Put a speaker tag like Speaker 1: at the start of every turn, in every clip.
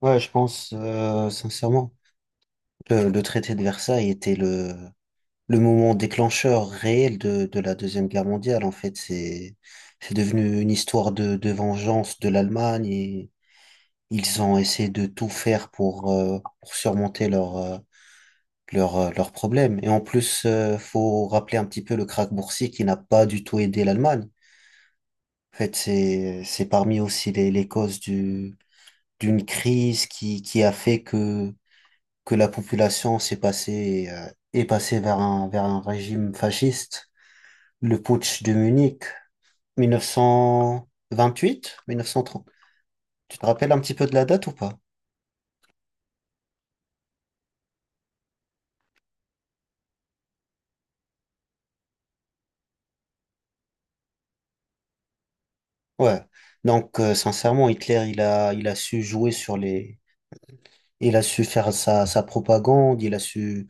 Speaker 1: Ouais, je pense, sincèrement, le traité de Versailles était le moment déclencheur réel de la Deuxième Guerre mondiale. En fait, c'est devenu une histoire de vengeance de l'Allemagne, et ils ont essayé de tout faire pour surmonter leurs problèmes. Et en plus, faut rappeler un petit peu le krach boursier qui n'a pas du tout aidé l'Allemagne. En fait, c'est parmi aussi les causes d'une crise qui a fait que la population est passée vers vers un régime fasciste. Le putsch de Munich, 1928, 1930. Tu te rappelles un petit peu de la date ou pas? Ouais. Donc, sincèrement, Hitler, il a su jouer sur les, il a su faire sa propagande, il a su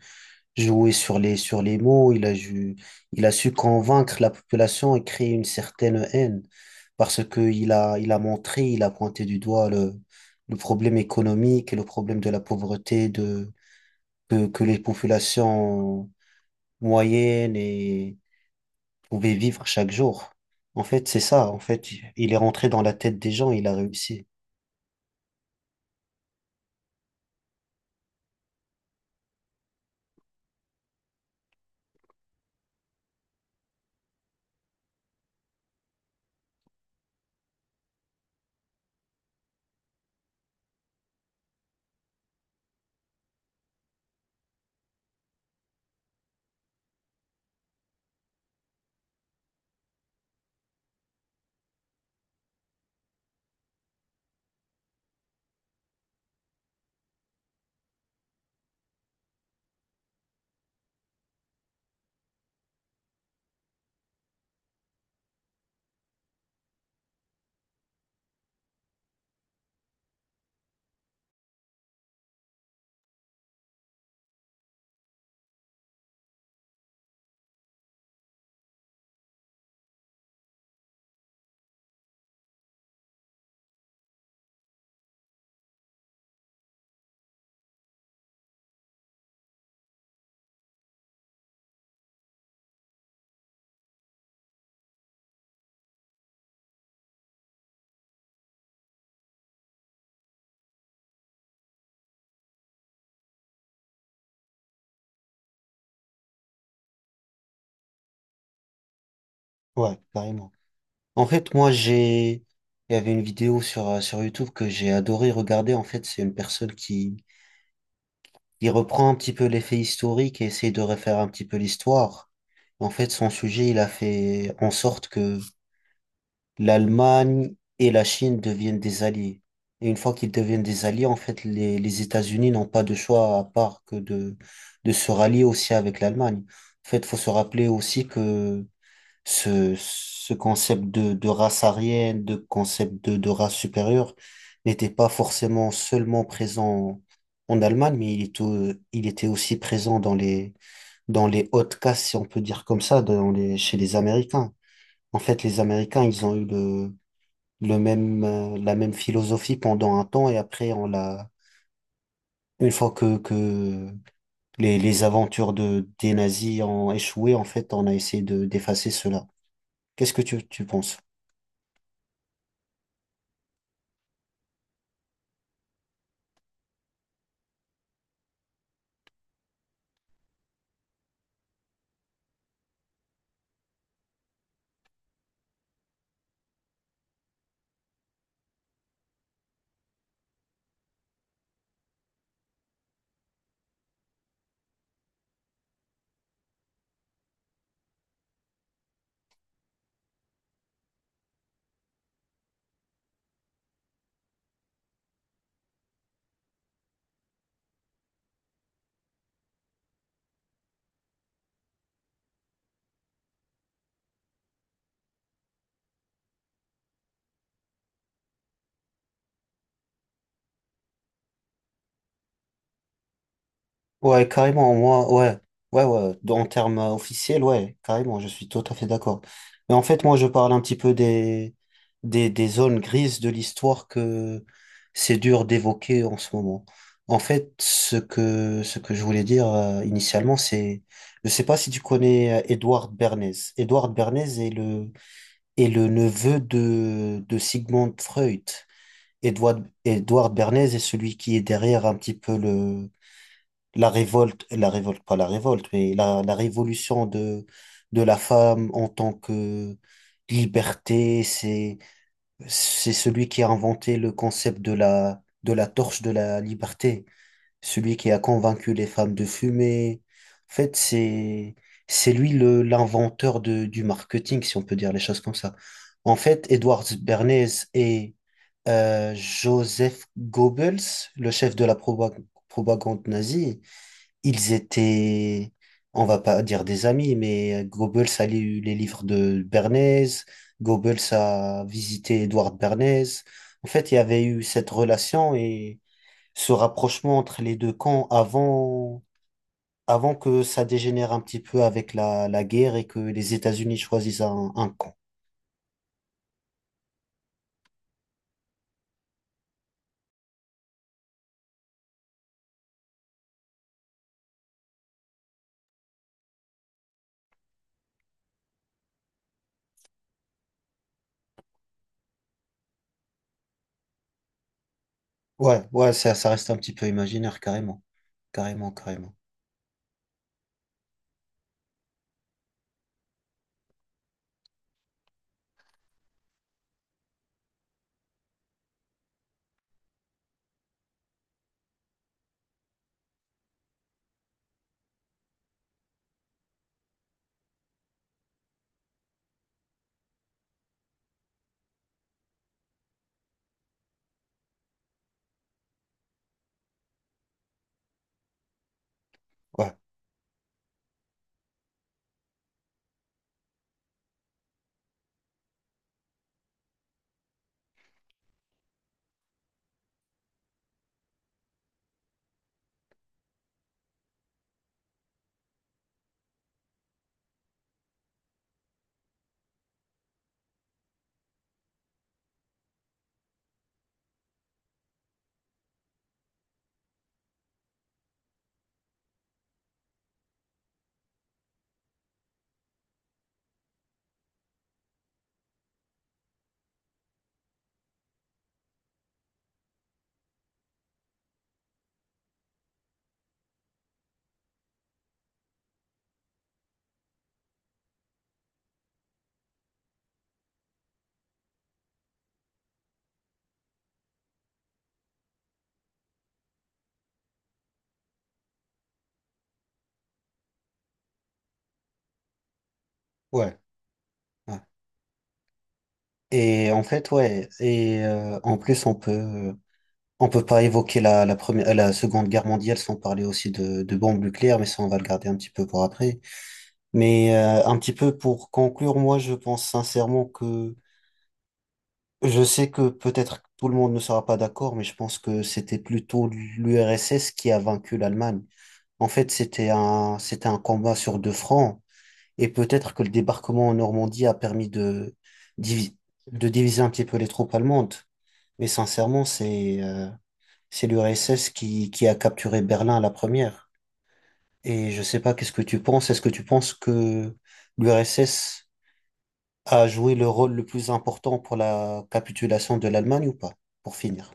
Speaker 1: jouer sur les mots, il a su convaincre la population et créer une certaine haine parce qu'il a montré, il a pointé du doigt le problème économique et le problème de la pauvreté de, que les populations moyennes et pouvaient vivre chaque jour. En fait, c'est ça. En fait, il est rentré dans la tête des gens, il a réussi. Ouais, carrément. En fait, moi, j'ai... Il y avait une vidéo sur, sur YouTube que j'ai adoré regarder. En fait, c'est une personne qui, il reprend un petit peu les faits historiques et essaie de refaire un petit peu l'histoire. En fait, son sujet, il a fait en sorte que l'Allemagne et la Chine deviennent des alliés. Et une fois qu'ils deviennent des alliés, en fait, les États-Unis n'ont pas de choix à part que de se rallier aussi avec l'Allemagne. En fait, faut se rappeler aussi que ce concept de race aryenne, de concept de race supérieure n'était pas forcément seulement présent en Allemagne, mais il était aussi présent dans les hautes castes, si on peut dire comme ça, dans les, chez les Américains. En fait, les Américains, ils ont eu le même, la même philosophie pendant un temps et après, on l'a, une fois que les aventures de, des nazis ont échoué, en fait, on a essayé de, d'effacer cela. Qu'est-ce que tu penses? Ouais, carrément, moi, ouais, ouais, ouais, dans- en termes officiels, ouais, carrément, je suis tout à fait d'accord. Mais en fait, moi, je parle un petit peu des, des zones grises de l'histoire que c'est dur d'évoquer en ce moment. En fait, ce que je voulais dire initialement, c'est, je sais pas si tu connais Édouard Bernays. Édouard Bernays est le neveu de Sigmund Freud. Édouard, Édouard Bernays est celui qui est derrière un petit peu le, la révolte, pas la révolte, mais la révolution de la femme en tant que liberté, c'est celui qui a inventé le concept de la torche de la liberté, celui qui a convaincu les femmes de fumer. En fait, c'est lui le, l'inventeur de, du marketing, si on peut dire les choses comme ça. En fait, Edward Bernays et Joseph Goebbels, le chef de la propagande nazie, ils étaient, on va pas dire des amis, mais Goebbels a lu les livres de Bernays, Goebbels a visité Edward Bernays. En fait, il y avait eu cette relation et ce rapprochement entre les deux camps avant, avant que ça dégénère un petit peu avec la, la guerre et que les États-Unis choisissent un camp. Ouais, ouais, ça reste un petit peu imaginaire, carrément. Carrément, carrément. Ouais, ouais, ouais. Et en fait, ouais. Et en plus, on peut. On peut pas évoquer la, la première, la Seconde Guerre mondiale sans parler aussi de bombes nucléaires, mais ça, on va le garder un petit peu pour après. Mais un petit peu pour conclure, moi, je pense sincèrement que je sais que peut-être tout le monde ne sera pas d'accord, mais je pense que c'était plutôt l'URSS qui a vaincu l'Allemagne. En fait, c'était un combat sur deux fronts, et peut-être que le débarquement en Normandie a permis divi- de diviser un petit peu les troupes allemandes. Mais sincèrement, c'est l'URSS qui a capturé Berlin à la première. Et je sais pas, qu'est-ce que tu penses? Est-ce que tu penses que l'URSS a joué le rôle le plus important pour la capitulation de l'Allemagne ou pas? Pour finir.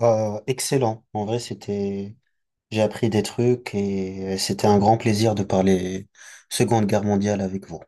Speaker 1: Excellent. En vrai, c'était, j'ai appris des trucs et c'était un grand plaisir de parler Seconde Guerre mondiale avec vous.